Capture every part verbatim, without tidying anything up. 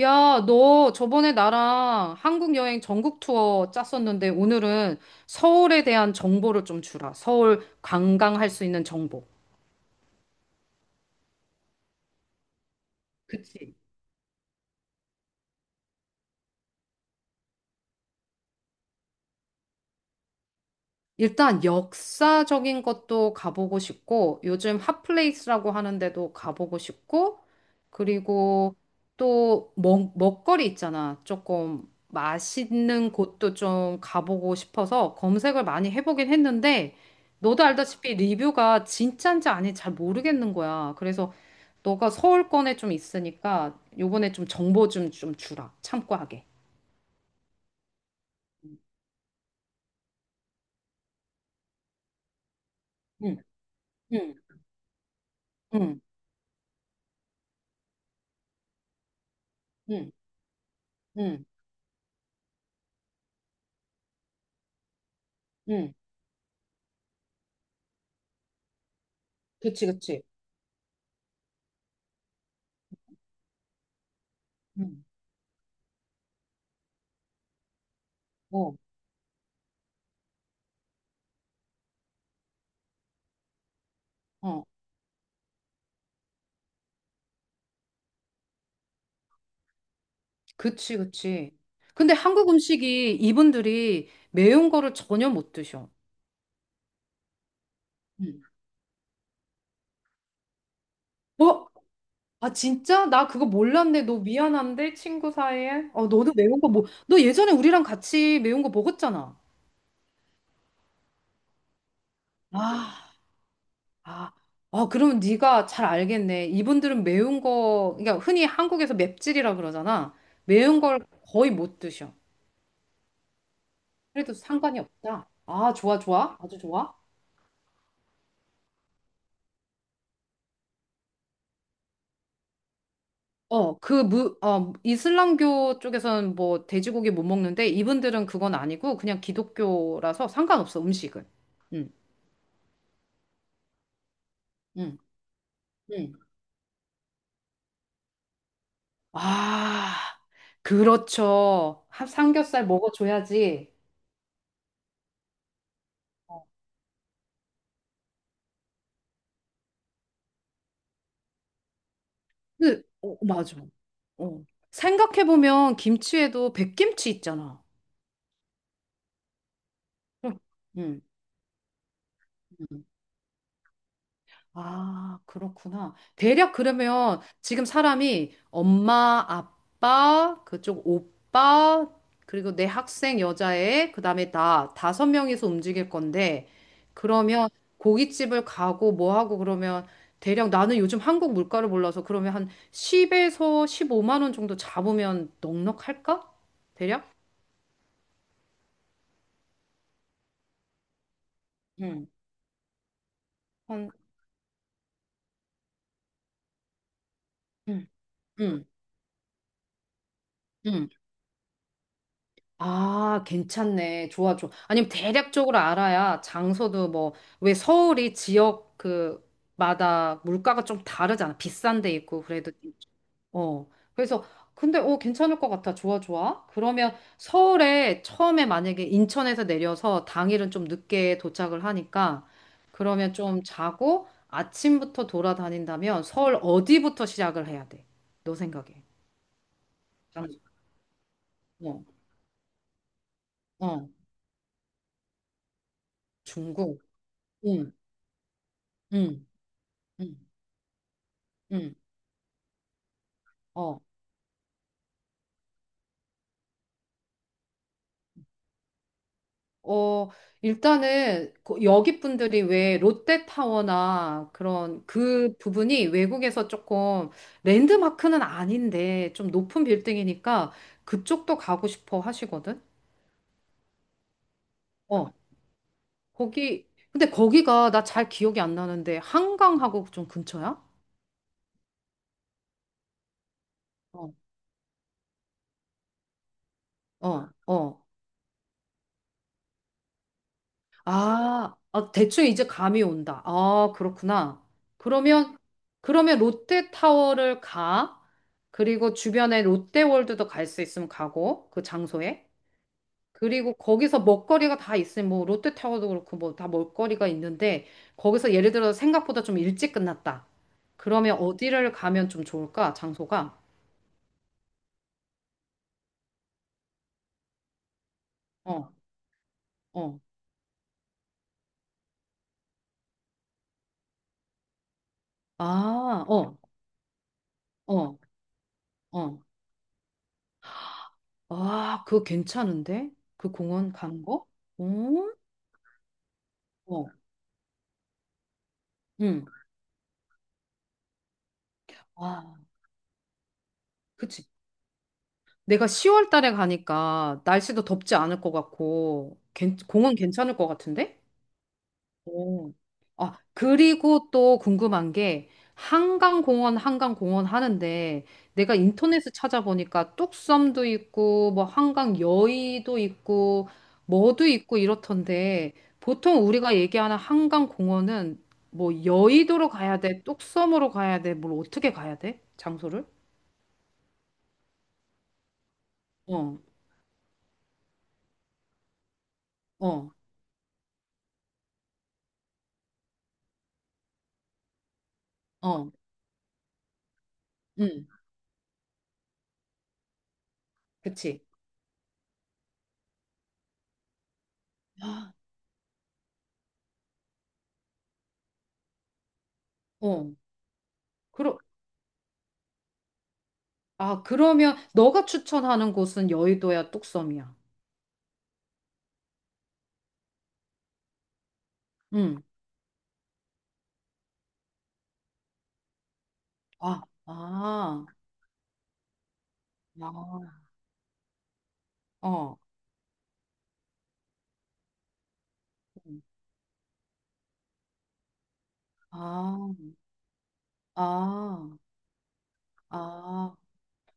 야, 너 저번에 나랑 한국 여행 전국 투어 짰었는데 오늘은 서울에 대한 정보를 좀 주라. 서울 관광할 수 있는 정보. 그치. 일단 역사적인 것도 가보고 싶고, 요즘 핫플레이스라고 하는데도 가보고 싶고, 그리고 또 먹, 먹거리 있잖아. 조금 맛있는 곳도 좀 가보고 싶어서 검색을 많이 해보긴 했는데, 너도 알다시피 리뷰가 진짜인지 아닌지 잘 모르겠는 거야. 그래서 너가 서울권에 좀 있으니까 요번에 좀 정보 좀, 좀 주라. 참고하게. 응, 응, 응, 응, 응, 응. 그치, 그치. 응. 어. 어, 그치, 그치. 근데 한국 음식이 이분들이 매운 거를 전혀 못 드셔. 음. 어? 아, 진짜? 나 그거 몰랐네. 너 미안한데, 친구 사이에? 어, 너도 매운 거 뭐, 너 예전에 우리랑 같이 매운 거 먹었잖아. 아, 아, 아, 그러면 네가 잘 알겠네. 이분들은 매운 거, 그러니까 흔히 한국에서 맵찔이라 그러잖아. 매운 걸 거의 못 드셔. 그래도 상관이 없다. 아, 좋아, 좋아. 아주 좋아. 어, 그 무, 어, 이슬람교 쪽에서는 뭐 돼지고기 못 먹는데 이분들은 그건 아니고 그냥 기독교라서 상관없어, 음식은. 응, 응, 응. 아, 그렇죠. 하- 삼겹살 먹어줘야지. 그, 어, 맞아. 어. 생각해보면 김치에도 백김치 있잖아. 응, 응. 응. 아, 그렇구나. 대략 그러면 지금 사람이 엄마, 아빠, 그쪽 오빠, 그리고 내 학생 여자애, 그다음에 나 다섯 명이서 움직일 건데 그러면 고깃집을 가고 뭐 하고 그러면 대략 나는 요즘 한국 물가를 몰라서 그러면 한 십에서 십오만 원 정도 잡으면 넉넉할까? 대략? 응. 한 응. 응. 응. 아, 괜찮네. 좋아, 좋아. 아니면 대략적으로 알아야 장소도 뭐, 왜 서울이 지역 그, 마다 물가가 좀 다르잖아. 비싼 데 있고, 그래도. 어. 그래서, 근데, 어, 괜찮을 것 같아. 좋아, 좋아. 그러면 서울에 처음에 만약에 인천에서 내려서 당일은 좀 늦게 도착을 하니까, 그러면 좀 자고 아침부터 돌아다닌다면 서울 어디부터 시작을 해야 돼? 너 생각에. 장- 어, 어, 중국. 응, 응, 응. 응, 어, 어, 일단은 그 여기 분들이 왜 롯데타워나 그런 그 부분이 외국에서 조금 랜드마크는 아닌데 좀 높은 빌딩이니까 그쪽도 가고 싶어 하시거든? 어, 거기, 근데 거기가 나 잘 기억이 안 나는데 한강하고 좀 근처야? 어, 어, 어. 아, 아, 대충 이제 감이 온다. 아, 그렇구나. 그러면, 그러면 롯데타워를 가. 그리고 주변에 롯데월드도 갈 수 있으면 가고, 그 장소에. 그리고 거기서 먹거리가 다 있으면, 뭐, 롯데타워도 그렇고, 뭐, 다 먹거리가 있는데, 거기서 예를 들어 생각보다 좀 일찍 끝났다. 그러면 어디를 가면 좀 좋을까? 장소가? 어, 어. 아, 어, 어, 어. 아, 그거 괜찮은데? 그 공원 간 거? 어 어. 응. 와, 그치. 내가 시월 달에 가니까 날씨도 덥지 않을 것 같고, 괜- 공원 괜찮을 것 같은데? 오. 아, 그리고 또 궁금한 게, 한강공원, 한강공원 하는데, 내가 인터넷에 찾아보니까 뚝섬도 있고, 뭐 한강 여의도 있고, 뭐도 있고 이렇던데, 보통 우리가 얘기하는 한강공원은 뭐 여의도로 가야 돼, 뚝섬으로 가야 돼, 뭘 어떻게 가야 돼? 장소를? 어, 어, 어. 응, 그치. 아, 어, 그러, 아, 그러면 너가 추천하는 곳은 여의도야, 뚝섬이야? 응. 아, 아, 아, 어, 음. 아, 아, 아,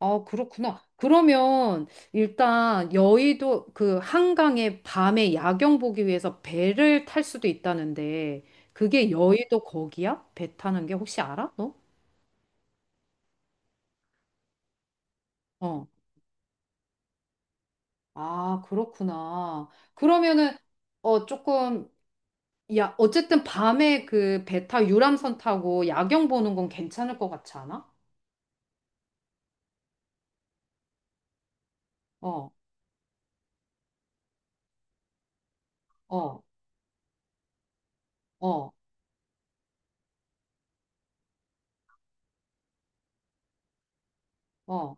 아, 그렇구나. 그러면 일단 여의도 그 한강에 밤에 야경 보기 위해서 배를 탈 수도 있다는데 그게 여의도 거기야? 배 타는 게 혹시 알아? 너? 어. 아, 그렇구나. 그러면은 어 조금 야, 어쨌든 밤에 그 베타 유람선 타고 야경 보는 건 괜찮을 것 같지 않아? 어, 어, 어, 어.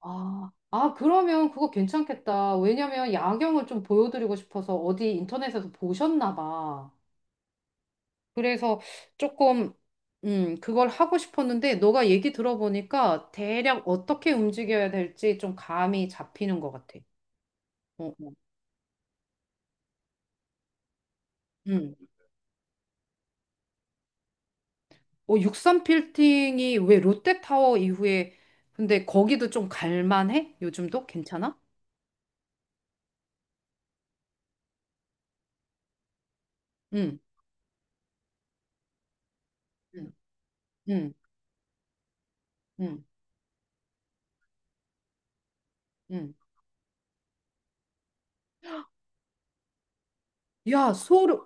아, 아, 그러면 그거 괜찮겠다. 왜냐면 야경을 좀 보여드리고 싶어서 어디 인터넷에서 보셨나 봐. 그래서 조금, 음, 그걸 하고 싶었는데 너가 얘기 들어보니까 대략 어떻게 움직여야 될지 좀 감이 잡히는 것 같아. 어, 음. 어, 육삼 빌딩이 왜 롯데타워 이후에 근데 거기도 좀 갈만해? 요즘도 괜찮아? 응, 응, 응, 응, 응. 야, 소름.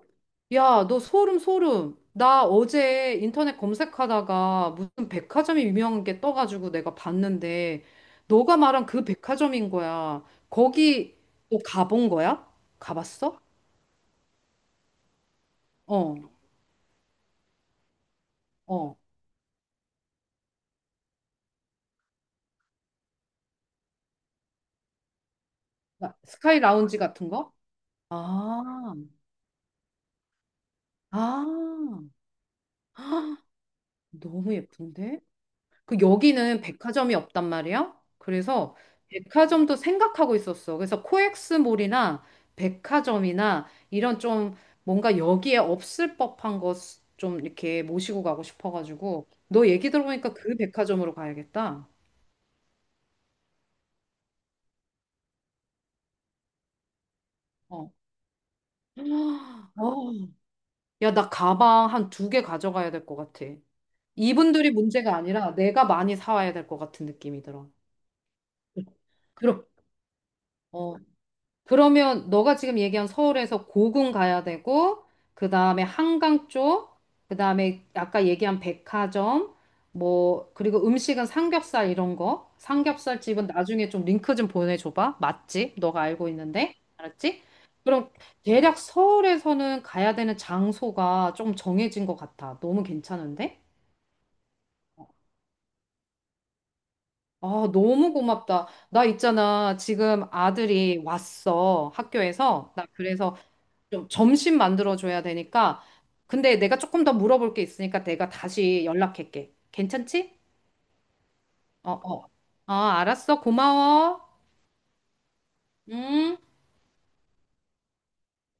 야, 너 소름, 소름. 나 어제 인터넷 검색하다가 무슨 백화점이 유명한 게 떠가지고 내가 봤는데 너가 말한 그 백화점인 거야. 거기 너 가본 거야? 가봤어? 어, 어. 스카이 라운지 같은 거? 아, 아. 너무 예쁜데? 그 여기는 백화점이 없단 말이야? 그래서 백화점도 생각하고 있었어. 그래서 코엑스몰이나 백화점이나 이런 좀 뭔가 여기에 없을 법한 것 좀 이렇게 모시고 가고 싶어가지고 너 얘기 들어보니까 그 백화점으로 가야겠다. 어. 어. 야, 나 가방 한 두 개 가져가야 될 것 같아. 이분들이 문제가 아니라 내가 많이 사와야 될 것 같은 느낌이 들어. 그럼. 어. 그러면 너가 지금 얘기한 서울에서 고궁 가야 되고, 그 다음에 한강 쪽, 그 다음에 아까 얘기한 백화점, 뭐, 그리고 음식은 삼겹살 이런 거. 삼겹살 집은 나중에 좀 링크 좀 보내줘봐. 맛집, 너가 알고 있는데. 알았지? 그럼 대략 서울에서는 가야 되는 장소가 좀 정해진 것 같아. 너무 괜찮은데? 아, 너무 고맙다. 나 있잖아. 지금 아들이 왔어. 학교에서. 나 그래서 좀 점심 만들어줘야 되니까. 근데 내가 조금 더 물어볼 게 있으니까 내가 다시 연락할게. 괜찮지? 어, 어. 어, 알았어. 고마워. 음.